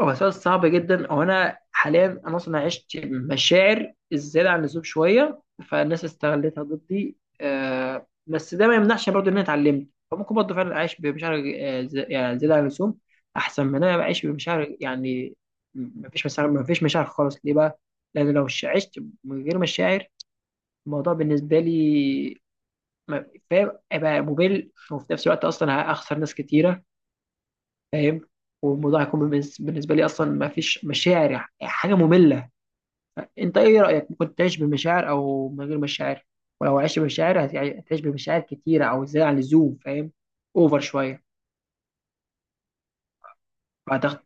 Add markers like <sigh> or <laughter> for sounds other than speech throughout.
هو سؤال صعب جدا. هو انا حاليا انا اصلا عشت مشاعر الزياده عن اللزوم شويه، فالناس استغلتها ضدي. آه، بس ده ما يمنعش برضه ان انا اتعلمت، فممكن برضه فعلا اعيش بمشاعر يعني زياده عن اللزوم، احسن من إن انا بعيش بمشاعر يعني ما فيش مشاعر. ما فيش مشاعر خالص ليه بقى؟ لان لو عشت من غير مشاعر، الموضوع بالنسبه لي فاهم، هيبقى ممل، وفي نفس الوقت اصلا هخسر ناس كتيره، فاهم. والموضوع هيكون بالنسبه لي اصلا ما فيش مشاعر يعني حاجه ممله. انت ايه رايك، ممكن تعيش بمشاعر او من غير مشاعر؟ ولو عشت بمشاعر، هتعيش بمشاعر كتيره او زياده عن اللزوم، فاهم، اوفر شويه. فهتخ...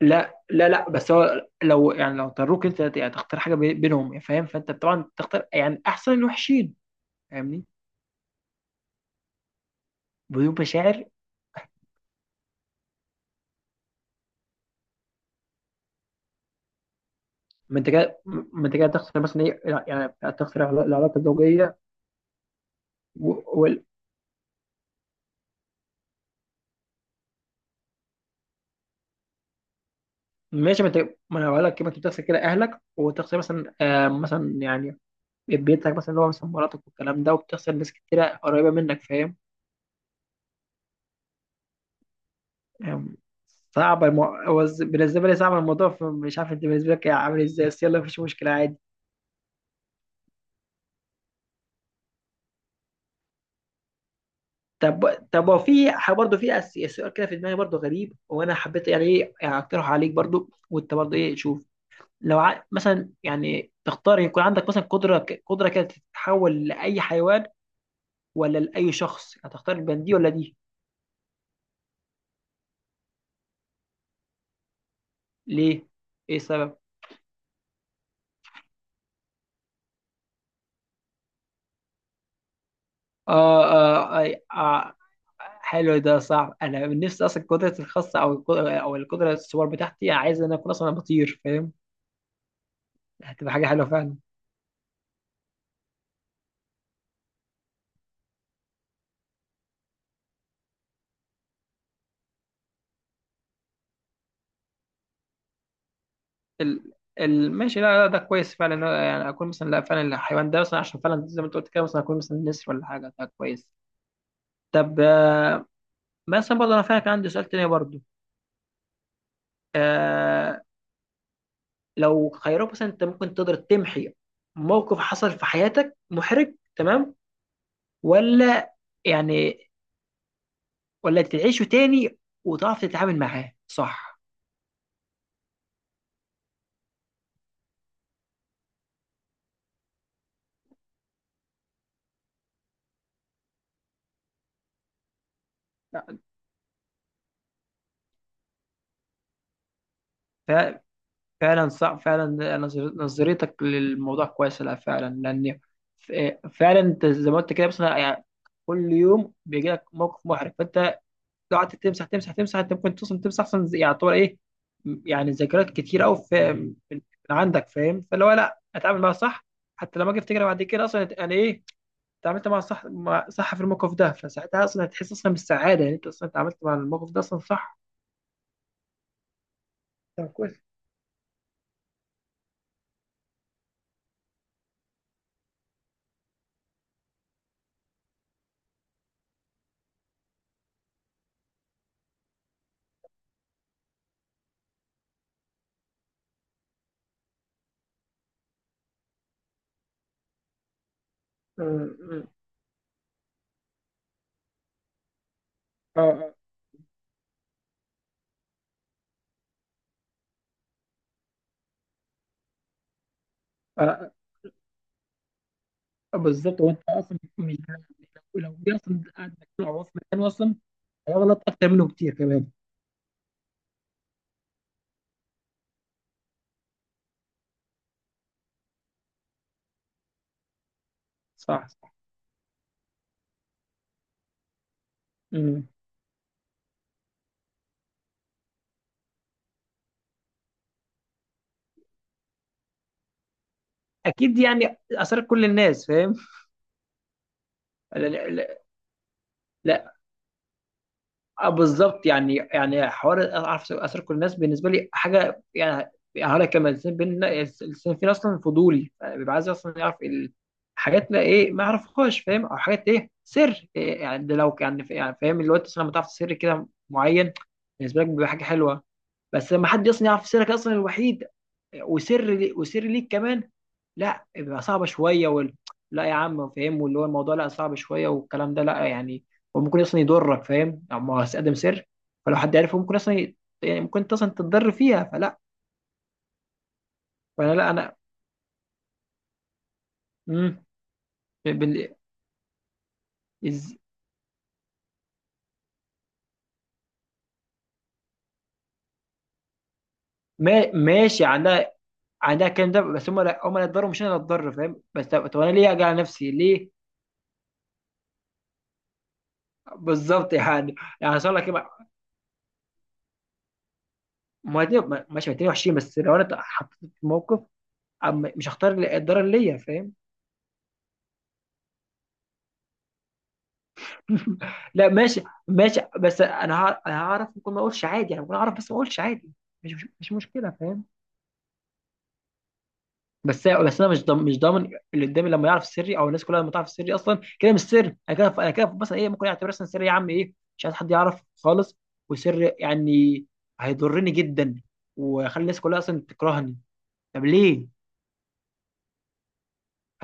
لا لا، بس هو لو يعني لو اضطروك انت يعني تختار حاجه بينهم، فاهم، فانت طبعا تختار يعني احسن الوحشين. فاهمني، بدون مشاعر. ما انت كده، ما انت كده تخسر مثلا ايه، يعني تخسر العلاقه الزوجيه. ماشي، ما انت، ما انا بقول لك، ما انت بتغسل كده اهلك، وتغسل مثلا آه مثلا يعني بيتك مثلا اللي هو مثلا مراتك والكلام ده، وبتغسل ناس كتيرة قريبة منك، فاهم. آم، صعب المو... هو ز- بالنسبة لي صعب الموضوع، فمش عارف انت بالنسبة لك عامل ازاي، بس يلا مفيش مشكلة عادي. طب هو في برضه في سؤال كده في دماغي برضه غريب، وانا حبيت يعني ايه يعني اقترح عليك برضه، وانت برضه ايه، شوف. مثلا يعني تختار يكون عندك مثلا قدرة قدرة كده تتحول لأي حيوان، ولا لأي شخص؟ هتختار بين دي ولا دي؟ ليه؟ ايه السبب؟ اه، اه, آه، آه. حلو، ده صعب. انا من نفسي اصلا قدرتي الخاصه او او القدره السوبر بتاعتي، عايز ان انا اكون اصلا بطير، فاهم. هتبقى حاجه حلوه فعلا. ال... ماشي، لا ده كويس فعلا، إن أنا يعني اكون مثلا، لا فعلا الحيوان ده مثلا، عشان فعلا زي ما انت قلت كده، مثلا اكون مثلا نسر ولا حاجه، ده كويس. طب آه، مثلا برضه انا فعلا كان عندي سؤال تاني برضه. آه، لو خيروك مثلا، انت ممكن تقدر تمحي موقف حصل في حياتك محرج تمام، ولا يعني ولا تعيشه تاني وتعرف تتعامل معاه صح؟ لا، ف- فعلا صح، فعلا نظرتك للموضوع كويسة. لا فعلا، لأن ف- فعلا أنت زي ما أنت كده مثلا يعني كل يوم بيجي لك موقف محرج، فأنت لو قعدت تمسح تمسح، أنت ممكن توصل تمسح أصلا، زي- يعتبر إيه، يعني ذكريات كتير أوي في من عندك، فاهم. فاللي هو لا، أتعامل معاها صح. حتى لما أجي أفتكر بعد كده أصلا أنا إيه، اتعاملت مع صح، مع صح في الموقف ده، فساعتها أصلا هتحس أصلا بالسعادة، يعني أنت أصلا اتعاملت مع الموقف ده أصلا صح. طب كويس. اه اه، آه، آه، بالظبط. هو انت اصلا مش، لو دي اصلا قاعد مجموعه هو في مكان اصلا، هيغلط اكتر منه كتير كمان. صح صح. مم. اكيد يعني اثرت كل الناس، فاهم. لا, لا, لا. آه، بالظبط، يعني يعني حوار اعرف اثر كل الناس بالنسبه لي حاجه يعني، يعني هقول لك كمان، الانسان بينا، الانسان فينا اصلا فضولي، يعني بيبقى عايز اصلا يعرف حاجاتنا ايه ما يعرفهاش، فاهم، او حاجات ايه سر إيه يعني. ده لو كان يعني فاهم اللي هو أنت أصلاً لما تعرف سر كده معين بالنسبه لك بيبقى حاجه حلوه، بس لما حد اصلا يعرف سرك اصلا الوحيد، وسر لي وسر ليك كمان، لا بيبقى صعبه شويه. لا يا عم فاهم، واللي هو الموضوع لا صعب شويه والكلام ده لا يعني، هو ممكن اصلا يضرك، فاهم، اما هتقدم سر فلو حد عرفه ممكن يعني ممكن انت اصلا تتضر فيها، فلا. فانا لا انا، امم. بال... إز... ما... ماشي، عندها، عندها الكلام ده، بس هم لا، هم لا اتضروا، مش انا اللي اتضر، فاهم. بس طب، طب انا ليه اجي على نفسي ليه؟ بالظبط يعني، يعني صار لك إيه؟ ما ماشي، ما 22 بس لو انا اتحطيت في موقف، أم مش هختار الدار اللي الضرر ليا، فاهم. <laughs> لا ماشي، ماشي. بس انا انا هعرف، ممكن ما اقولش عادي، يعني ممكن اعرف بس ما اقولش عادي. مش مشكله، فاهم. بس انا مش ضامن، مش ضامن اللي قدامي لما يعرف سري، او الناس كلها لما تعرف سري اصلا كده مش سر. انا كده، انا كده مثلا ايه، ممكن اعتبر مثلا سري يا عم ايه، مش عايز حد يعرف خالص. وسر يعني هيضرني جدا وخلي الناس كلها اصلا تكرهني، طب ليه؟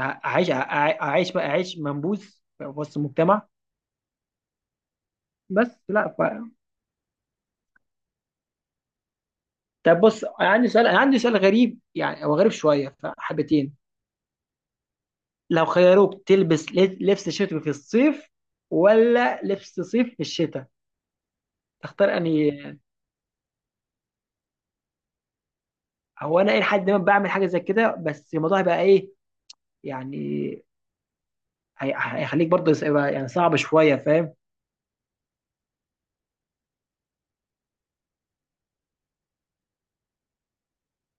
اعيش اعيش بقى اعيش منبوذ في وسط المجتمع، بس لا. طب بص، انا عندي سؤال، انا عندي سؤال غريب يعني، هو غريب شويه فحبتين. لو خيروك تلبس لبس شتوي في الصيف، ولا لبس صيف في الشتاء، تختار اني؟ هو انا الى حد ما بعمل حاجه زي كده، بس الموضوع هيبقى ايه يعني، هيخليك برضه يبقى يعني صعب شويه، فاهم.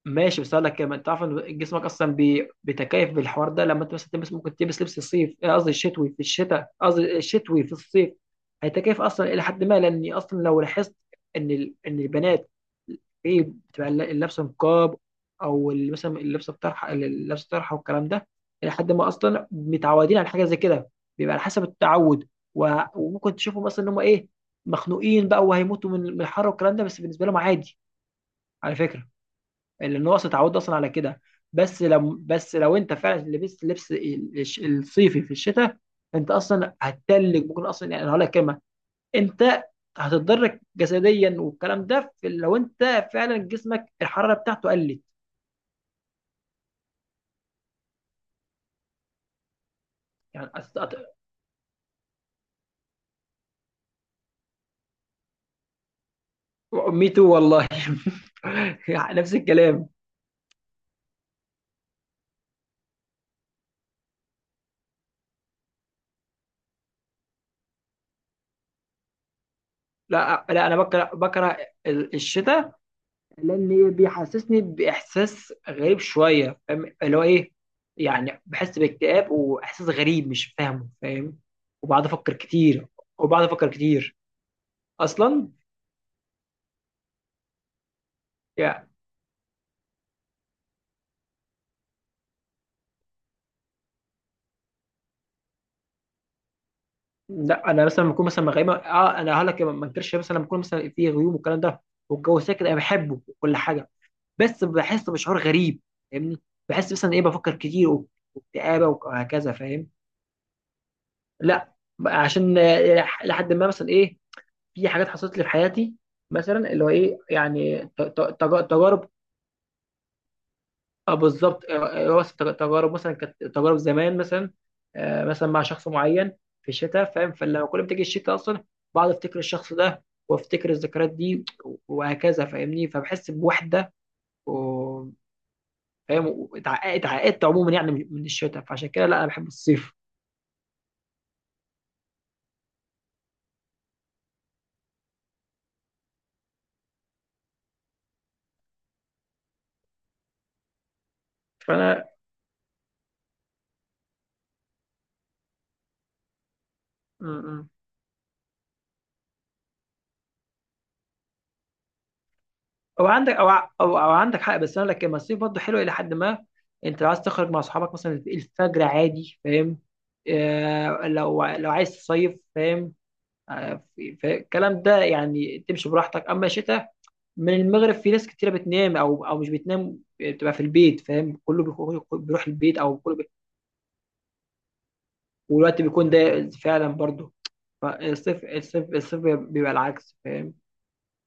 ماشي، بس اقول لك كمان، تعرف ان جسمك اصلا بيتكيف بالحوار ده. لما انت مثلا تلبس، ممكن تلبس لبس الصيف، آه، قصدي الشتوي في الشتاء، قصدي الشتوي في الصيف، هيتكيف اصلا الى حد ما. لان اصلا لو لاحظت ان ان البنات ايه، بتبقى اللبسه نقاب، او مثلا اللبسه بطرحه، اللبسه طرحه والكلام ده، الى حد ما اصلا متعودين على حاجه زي كده، بيبقى على حسب التعود. وممكن تشوفهم مثلا ان هم ايه، مخنوقين بقى وهيموتوا من الحر والكلام ده، بس بالنسبه لهم عادي، على فكره. لان هو اصلا اتعودنا اصلا على كده. بس لو انت فعلا لبست لبس الصيفي في الشتاء، انت اصلا هتتلج، ممكن اصلا يعني هقول لك كلمه، انت هتتضرر جسديا والكلام ده، في لو انت فعلا جسمك الحراره بتاعته قلت. يعني ميتو والله. <laughs> نفس الكلام. لا لا، انا بكره الشتاء، لان بيحسسني باحساس غريب شويه، فاهم، اللي هو ايه، يعني بحس باكتئاب واحساس غريب مش فاهمه، فاهم. وبقعد افكر كتير، وبقعد افكر كتير اصلا يعني. لا انا مثلا لما بكون مثلا غايمه، اه انا هقول لك ما انكرش، مثلا لما بكون مثلا في غيوم والكلام ده والجو ساكت، انا بحبه وكل حاجه، بس بحس بشعور غريب، فاهمني، بحس مثلا ايه بفكر كتير واكتئابه وهكذا، فاهم. لا، عشان آه، لحد ما مثلا ايه، في حاجات حصلت لي في حياتي، مثلا اللي هو ايه يعني تجارب. آه، بالظبط، آه، آه، بس تجارب مثلا، كانت تجارب زمان مثلا، آه، مثلا مع شخص معين في الشتاء، فاهم، فلما كل ما تيجي الشتاء اصلا، بقعد افتكر الشخص ده وافتكر الذكريات دي وهكذا، فاهمني، فبحس بوحده. و- فاهم، اتعقدت عموما يعني من الشتاء، فعشان كده لا انا بحب الصيف. فانا م. او عندك، او ع- او او عندك حق، بس انا لك لما الصيف برضه حلو الى حد ما. انت لو عايز تخرج مع اصحابك مثلا الفجر عادي، فاهم، آه، لو لو عايز تصيف، فاهم، آه الكلام ده يعني، تمشي براحتك، اما الشتاء من المغرب في ناس كتيره بتنام، او مش بتنام بتبقى في البيت، فاهم، كله بيروح البيت، او والوقت بيكون ده فعلا برضه. فالصيف، الصيف بيبقى العكس، فاهم.